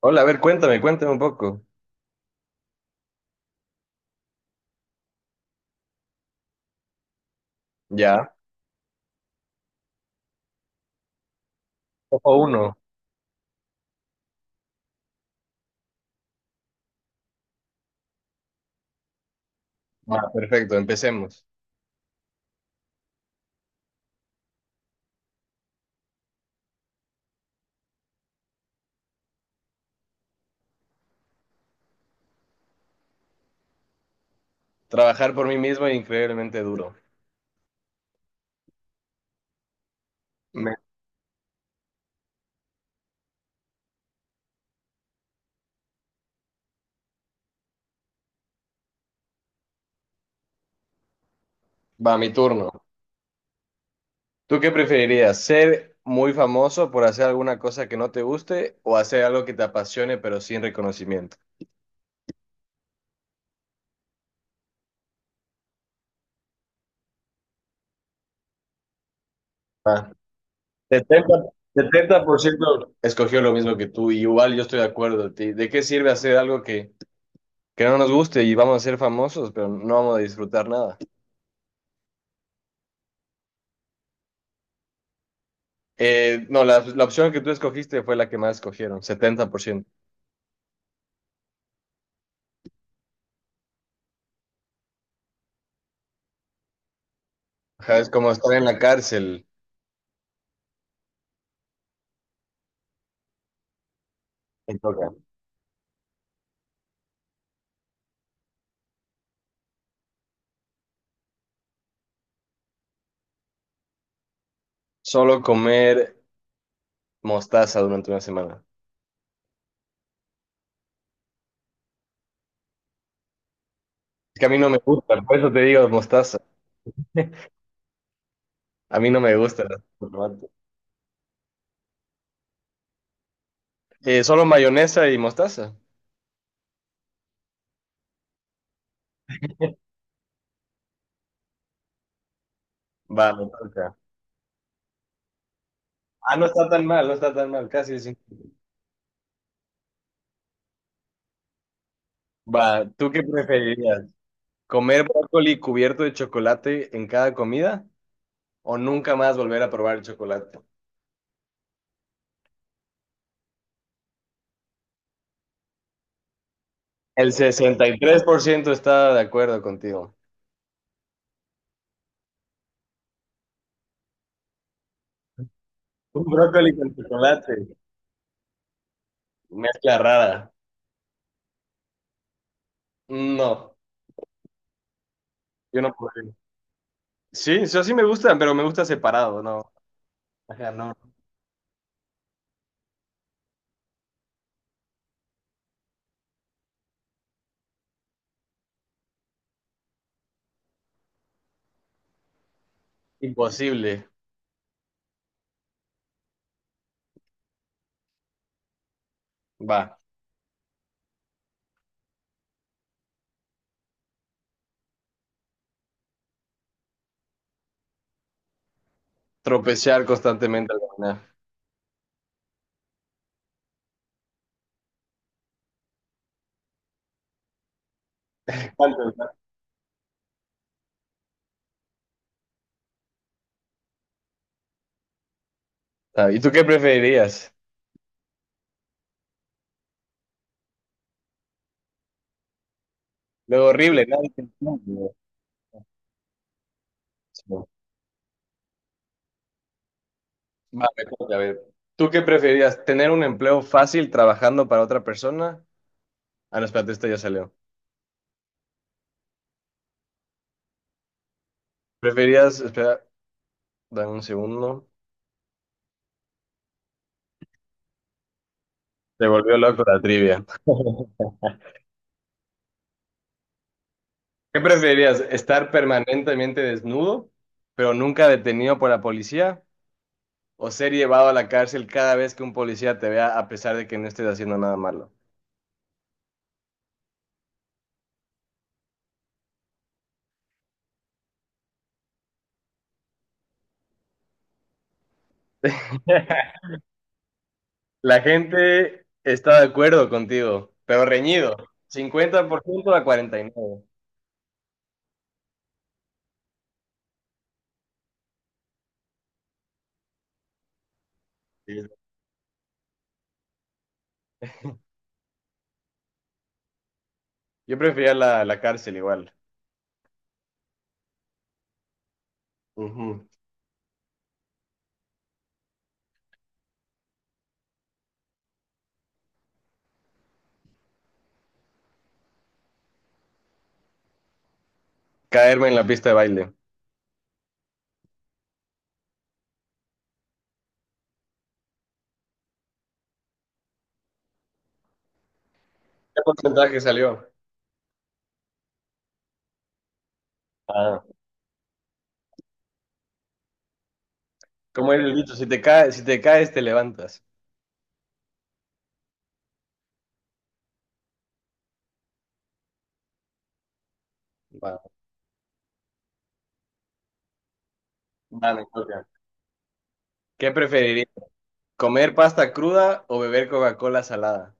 Hola, a ver, cuéntame, cuéntame un poco. Ya. Ojo uno. Va, perfecto, empecemos. Trabajar por mí mismo es increíblemente duro. Me- Va, mi turno. ¿Tú qué preferirías? ¿Ser muy famoso por hacer alguna cosa que no te guste o hacer algo que te apasione pero sin reconocimiento? Ah, Setenta, 70% escogió lo mismo que tú, y igual yo estoy de acuerdo. ¿De qué sirve hacer algo que no nos guste y vamos a ser famosos, pero no vamos a disfrutar nada? No, la opción que tú escogiste fue la que más escogieron, 70%. Ajá, es como estar en la cárcel. Te toca. Solo comer mostaza durante una semana. Es que a mí no me gusta, por eso te digo mostaza. A mí no me gusta el tomate. Solo mayonesa y mostaza. Va, me toca. Ah, no está tan mal, no está tan mal, casi sí. Va, ¿tú qué preferirías? ¿Comer brócoli cubierto de chocolate en cada comida o nunca más volver a probar el chocolate? El 63% está de acuerdo contigo. Un brócoli con chocolate. Mezcla rara. No, yo no podría. Sí, o sea, sí me gustan, pero me gusta separado, no. Ajá, no. Imposible. Va. Tropezar constantemente al caminar. Ah, ¿y tú qué preferirías? Lo horrible, nadie te entiende. Sí. Va, me toca, a ver. ¿Tú qué preferirías? ¿Tener un empleo fácil trabajando para otra persona? Ah, no, espérate, esto ya salió. ¿Preferías, espera, Dame un segundo. Se volvió loco la trivia. ¿Qué preferirías? ¿Estar permanentemente desnudo, pero nunca detenido por la policía? ¿O ser llevado a la cárcel cada vez que un policía te vea a pesar de que no estés haciendo nada malo? La gente está de acuerdo contigo, pero reñido. 50% a 49%. Sí. Yo prefería la cárcel igual. Ujú. Caerme en la pista de baile. ¿Qué porcentaje salió? Ah. ¿Cómo era el dicho? Si te caes, te levantas. Va. Va, me toca. ¿Qué preferirías? ¿Comer pasta cruda o beber Coca-Cola salada?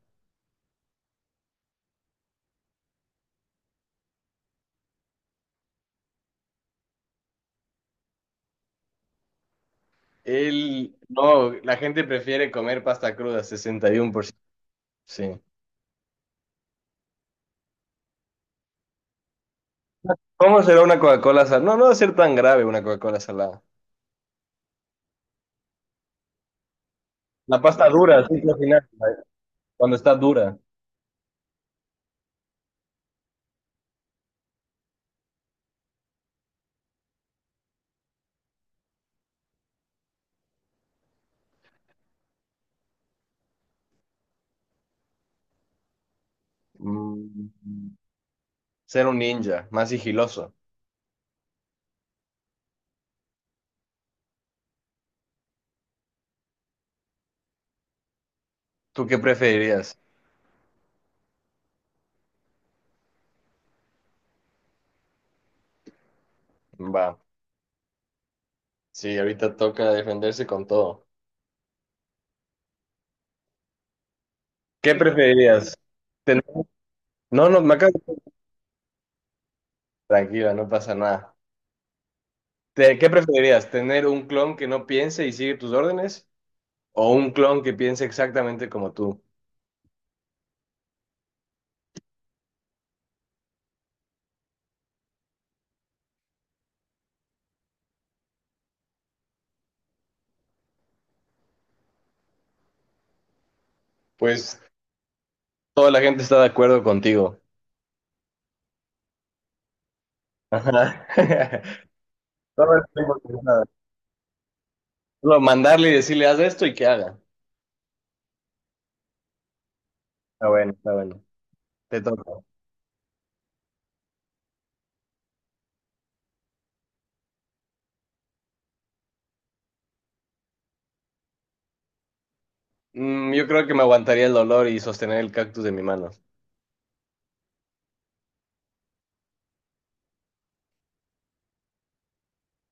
El no, La gente prefiere comer pasta cruda, 61%. Sí. ¿Cómo será una Coca-Cola salada? No, no va a ser tan grave una Coca-cola salada. La pasta dura, sí, al final, cuando está dura. Mm, ser un ninja, más sigiloso. ¿Tú qué preferirías? Va, sí, ahorita toca defenderse con todo. ¿Qué preferirías? Ten- No, no, me acabo. Tranquila, no pasa nada. ¿Qué preferirías? ¿Tener un clon que no piense y sigue tus órdenes? ¿O un clon que piense exactamente como tú? Pues toda la gente está de acuerdo contigo. Ajá. Todo el tiempo que está. Solo mandarle y decirle, haz esto y que haga. Está bueno, está bueno. Te toca. Mm, yo creo que me aguantaría el dolor y sostener el cactus de mi mano.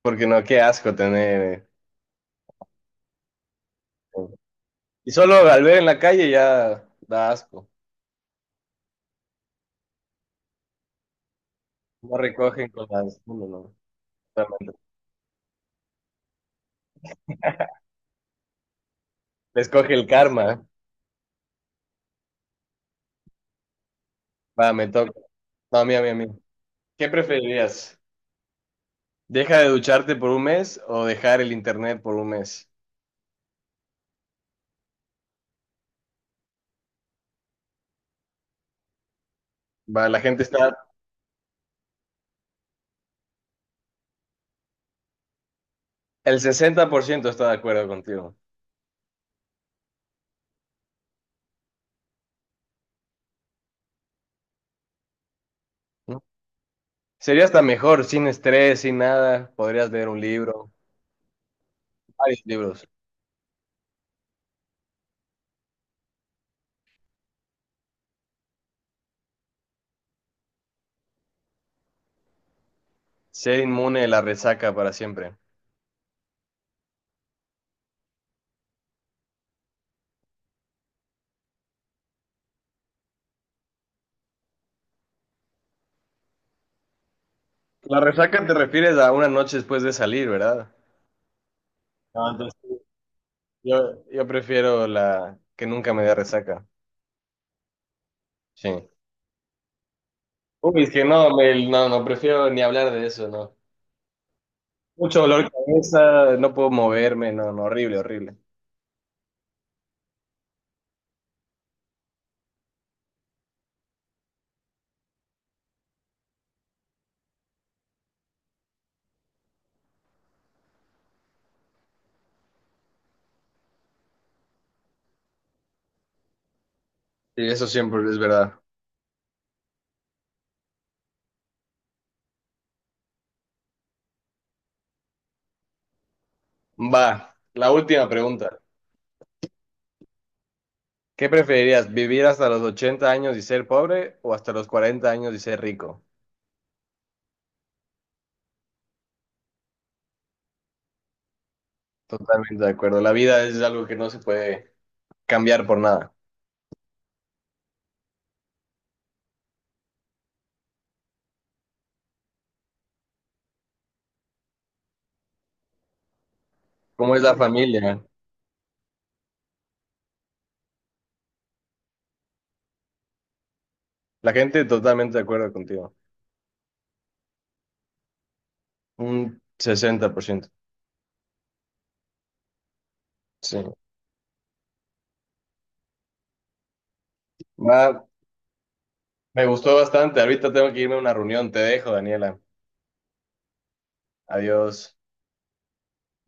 Porque no, qué asco tener. Y solo al ver en la calle ya da asco. No recogen con las. No, no, no, realmente. Les coge el karma. Va, me toca. No, a mí, a mí, a mí. ¿Qué preferirías? ¿Deja de ducharte por un mes o dejar el internet por un mes? Va, la gente está, El 60% está de acuerdo contigo. ¿No? Sería hasta mejor, sin estrés, sin nada. Podrías leer un libro, varios libros. Ser inmune de la resaca para siempre. ¿La resaca te refieres a una noche después de salir, verdad? No, entonces yo prefiero la que nunca me dé resaca. Sí. Uy, es que no, no, no prefiero ni hablar de eso, no. Mucho dolor de cabeza, no puedo moverme, no, no, horrible, horrible. Sí, eso siempre es verdad. Va, la última pregunta. ¿Qué preferirías, vivir hasta los 80 años y ser pobre o hasta los 40 años y ser rico? Totalmente de acuerdo. La vida es algo que no se puede cambiar por nada. ¿Cómo es la familia? La gente totalmente de acuerdo contigo. Un 60%. Sí. Va, me gustó bastante. Ahorita tengo que irme a una reunión. Te dejo, Daniela. Adiós.